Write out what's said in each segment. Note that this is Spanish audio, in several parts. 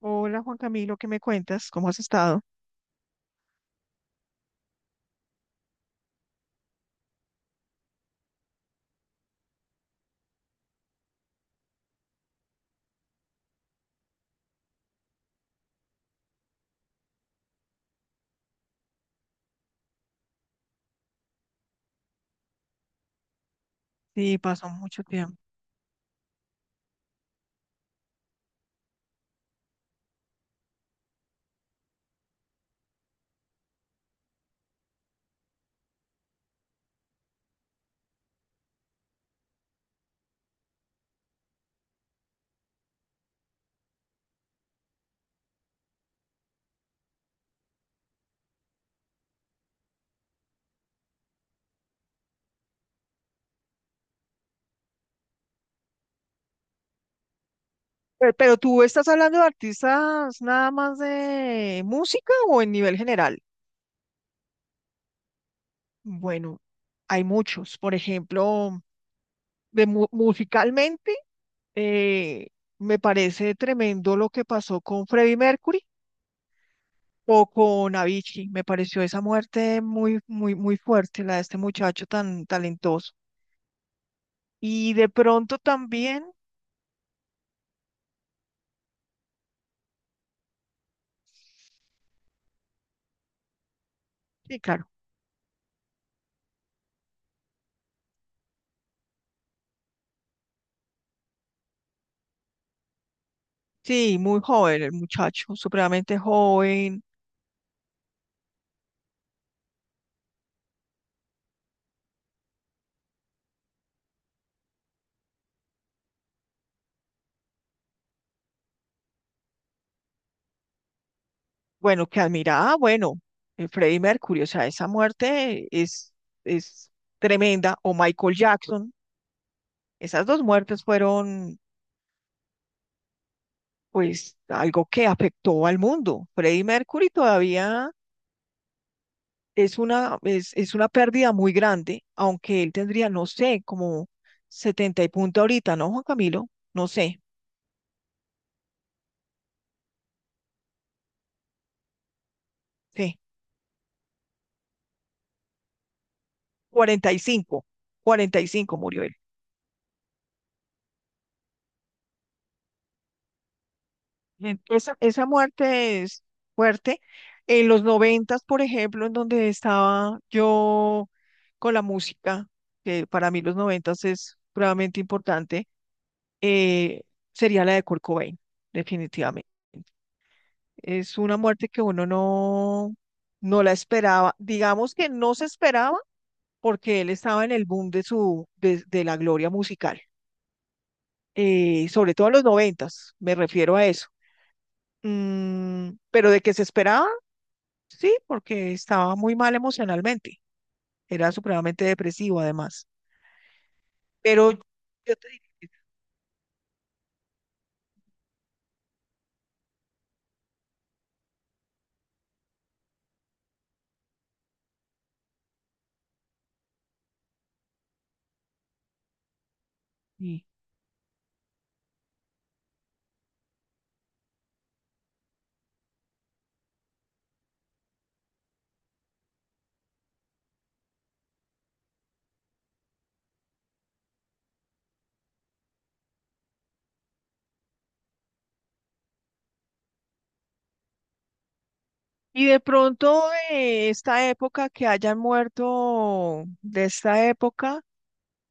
Hola Juan Camilo, ¿qué me cuentas? ¿Cómo has estado? Sí, pasó mucho tiempo. Pero tú estás hablando de artistas nada más de música o en nivel general? Bueno, hay muchos. Por ejemplo, de musicalmente, eh, me parece tremendo lo que pasó con Freddie Mercury o con Avicii. Me pareció esa muerte muy, muy, muy fuerte, la de este muchacho tan talentoso. Y de pronto también, sí, claro. Sí, muy joven, el muchacho, supremamente joven. Bueno, que admiraba, bueno, Freddie Mercury, o sea, esa muerte es tremenda. O Michael Jackson, esas dos muertes fueron, pues, algo que afectó al mundo. Freddie Mercury todavía es una pérdida muy grande, aunque él tendría, no sé, como 70 y punto ahorita, ¿no, Juan Camilo? No sé, sí, cuarenta cuarenta y cinco murió. Esa muerte es fuerte. En los noventas, por ejemplo, en donde estaba yo con la música, que para mí los noventas es realmente importante, eh, sería la de Kurt Cobain, definitivamente. Es una muerte que uno no, no la esperaba. Digamos que no se esperaba porque él estaba en el boom de la gloria musical. Sobre todo en los noventas, me refiero a eso. Pero de que se esperaba, sí, porque estaba muy mal emocionalmente. Era supremamente depresivo, además. Pero yo te diría que sí. Y de pronto, esta época que hayan muerto, de esta época,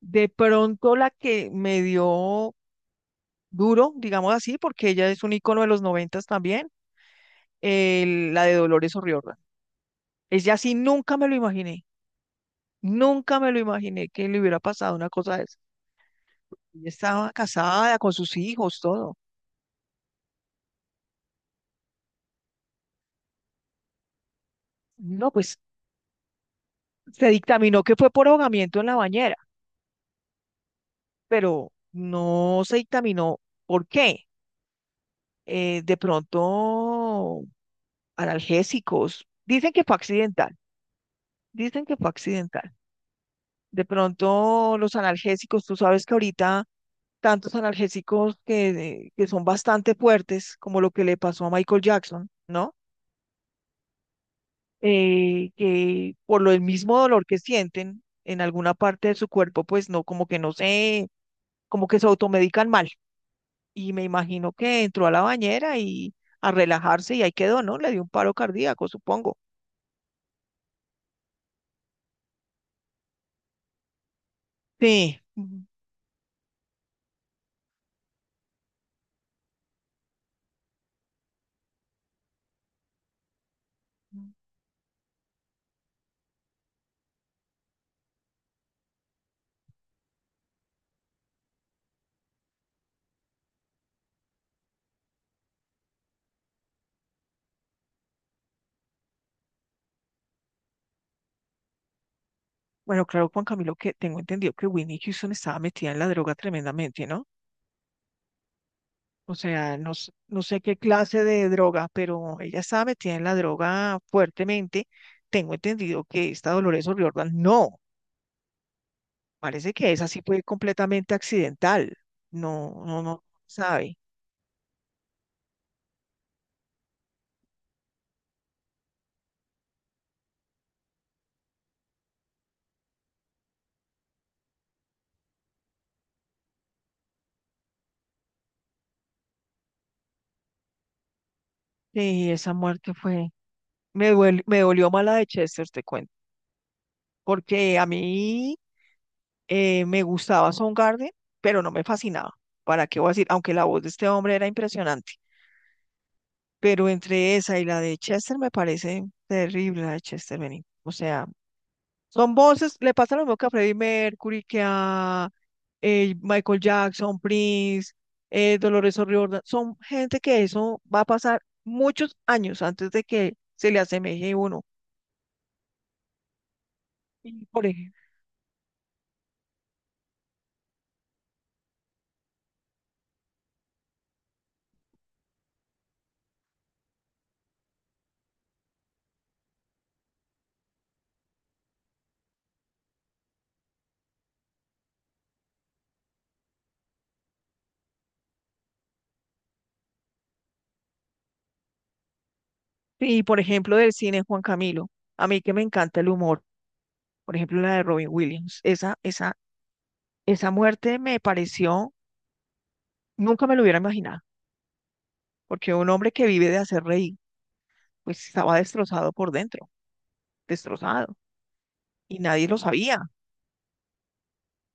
de pronto la que me dio duro, digamos así, porque ella es un ícono de los noventas también, la de Dolores O'Riordan. Ella sí nunca me lo imaginé. Nunca me lo imaginé que le hubiera pasado una cosa de esa. Ella estaba casada con sus hijos, todo. No, pues se dictaminó que fue por ahogamiento en la bañera, pero no se dictaminó por qué. De pronto, analgésicos. Dicen que fue accidental, dicen que fue accidental. De pronto, los analgésicos, tú sabes que ahorita tantos analgésicos que son bastante fuertes, como lo que le pasó a Michael Jackson, ¿no? Que por lo el mismo dolor que sienten en alguna parte de su cuerpo, pues no, como que no sé, como que se automedican mal. Y me imagino que entró a la bañera y a relajarse y ahí quedó, ¿no? Le dio un paro cardíaco, supongo. Sí. Bueno, claro, Juan Camilo, que tengo entendido que Winnie Houston estaba metida en la droga tremendamente, ¿no? O sea, no, no sé qué clase de droga, pero ella estaba metida en la droga fuertemente. Tengo entendido que esta Dolores O'Riordan no, parece que esa sí fue completamente accidental. No, no, no, sabe. Sí, esa muerte fue, me duele, me dolió mala de Chester, te cuento. Porque a mí me gustaba Soundgarden, pero no me fascinaba. ¿Para qué voy a decir? Aunque la voz de este hombre era impresionante, pero entre esa y la de Chester me parece terrible la de Chester Bennington. O sea, son voces, le pasa lo mismo que a Freddie Mercury, que a Michael Jackson, Prince, Dolores O'Riordan. Son gente que eso va a pasar muchos años antes de que se le asemeje uno. Y por ejemplo, y por ejemplo del cine Juan Camilo, a mí que me encanta el humor. Por ejemplo la de Robin Williams. Esa muerte me pareció, nunca me lo hubiera imaginado, porque un hombre que vive de hacer reír, pues estaba destrozado por dentro, destrozado, y nadie lo sabía,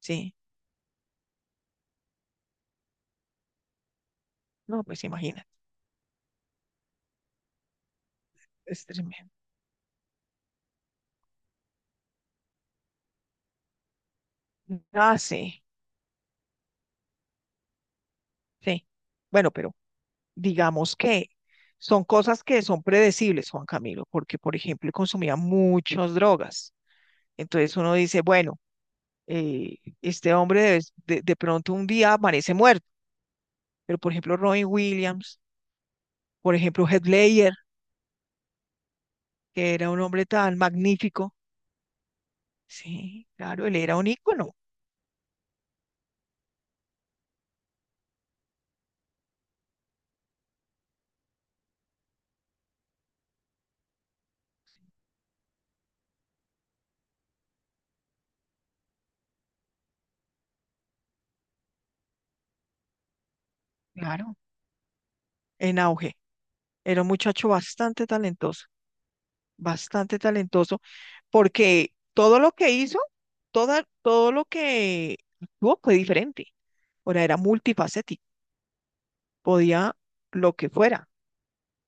sí. No, pues imagínate, es tremendo. Ah, sí, sí. Bueno, pero digamos que son cosas que son predecibles, Juan Camilo, porque, por ejemplo, consumía muchas drogas. Entonces uno dice, bueno, este hombre de pronto un día amanece muerto, pero, por ejemplo, Robin Williams. Por ejemplo, Heath Ledger, que era un hombre tan magnífico. Sí, claro, él era un ícono, claro, en auge. Era un muchacho bastante talentoso, porque todo lo que hizo, todo lo que actuó fue diferente. Ahora era multifacético, podía lo que fuera.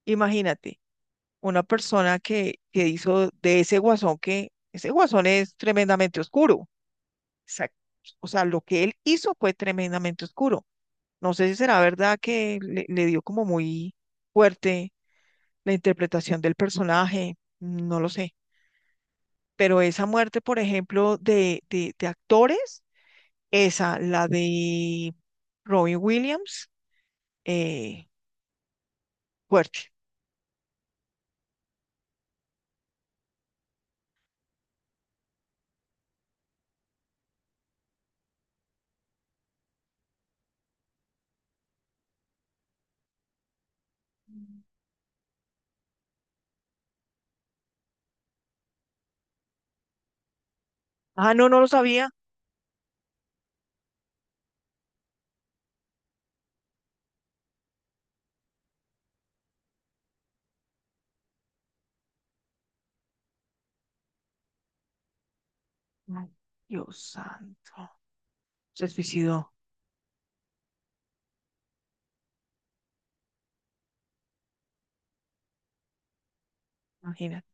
Imagínate, una persona que hizo de ese guasón que, ese guasón es tremendamente oscuro. Exacto. O sea, lo que él hizo fue tremendamente oscuro. No sé si será verdad que le dio como muy fuerte la interpretación del personaje, no lo sé. Pero esa muerte, por ejemplo, de actores, esa, la de Robin Williams, eh, fuerte. Ah, no, no lo sabía. Ay, Dios santo. Se suicidó, imagínate.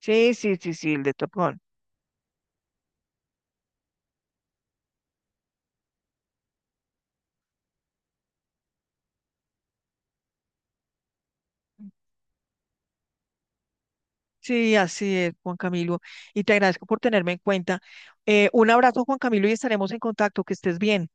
Sí, sí, sí, sí, el de Top Gun. Sí, así es, Juan Camilo. Y te agradezco por tenerme en cuenta. Un abrazo, Juan Camilo, y estaremos en contacto. Que estés bien.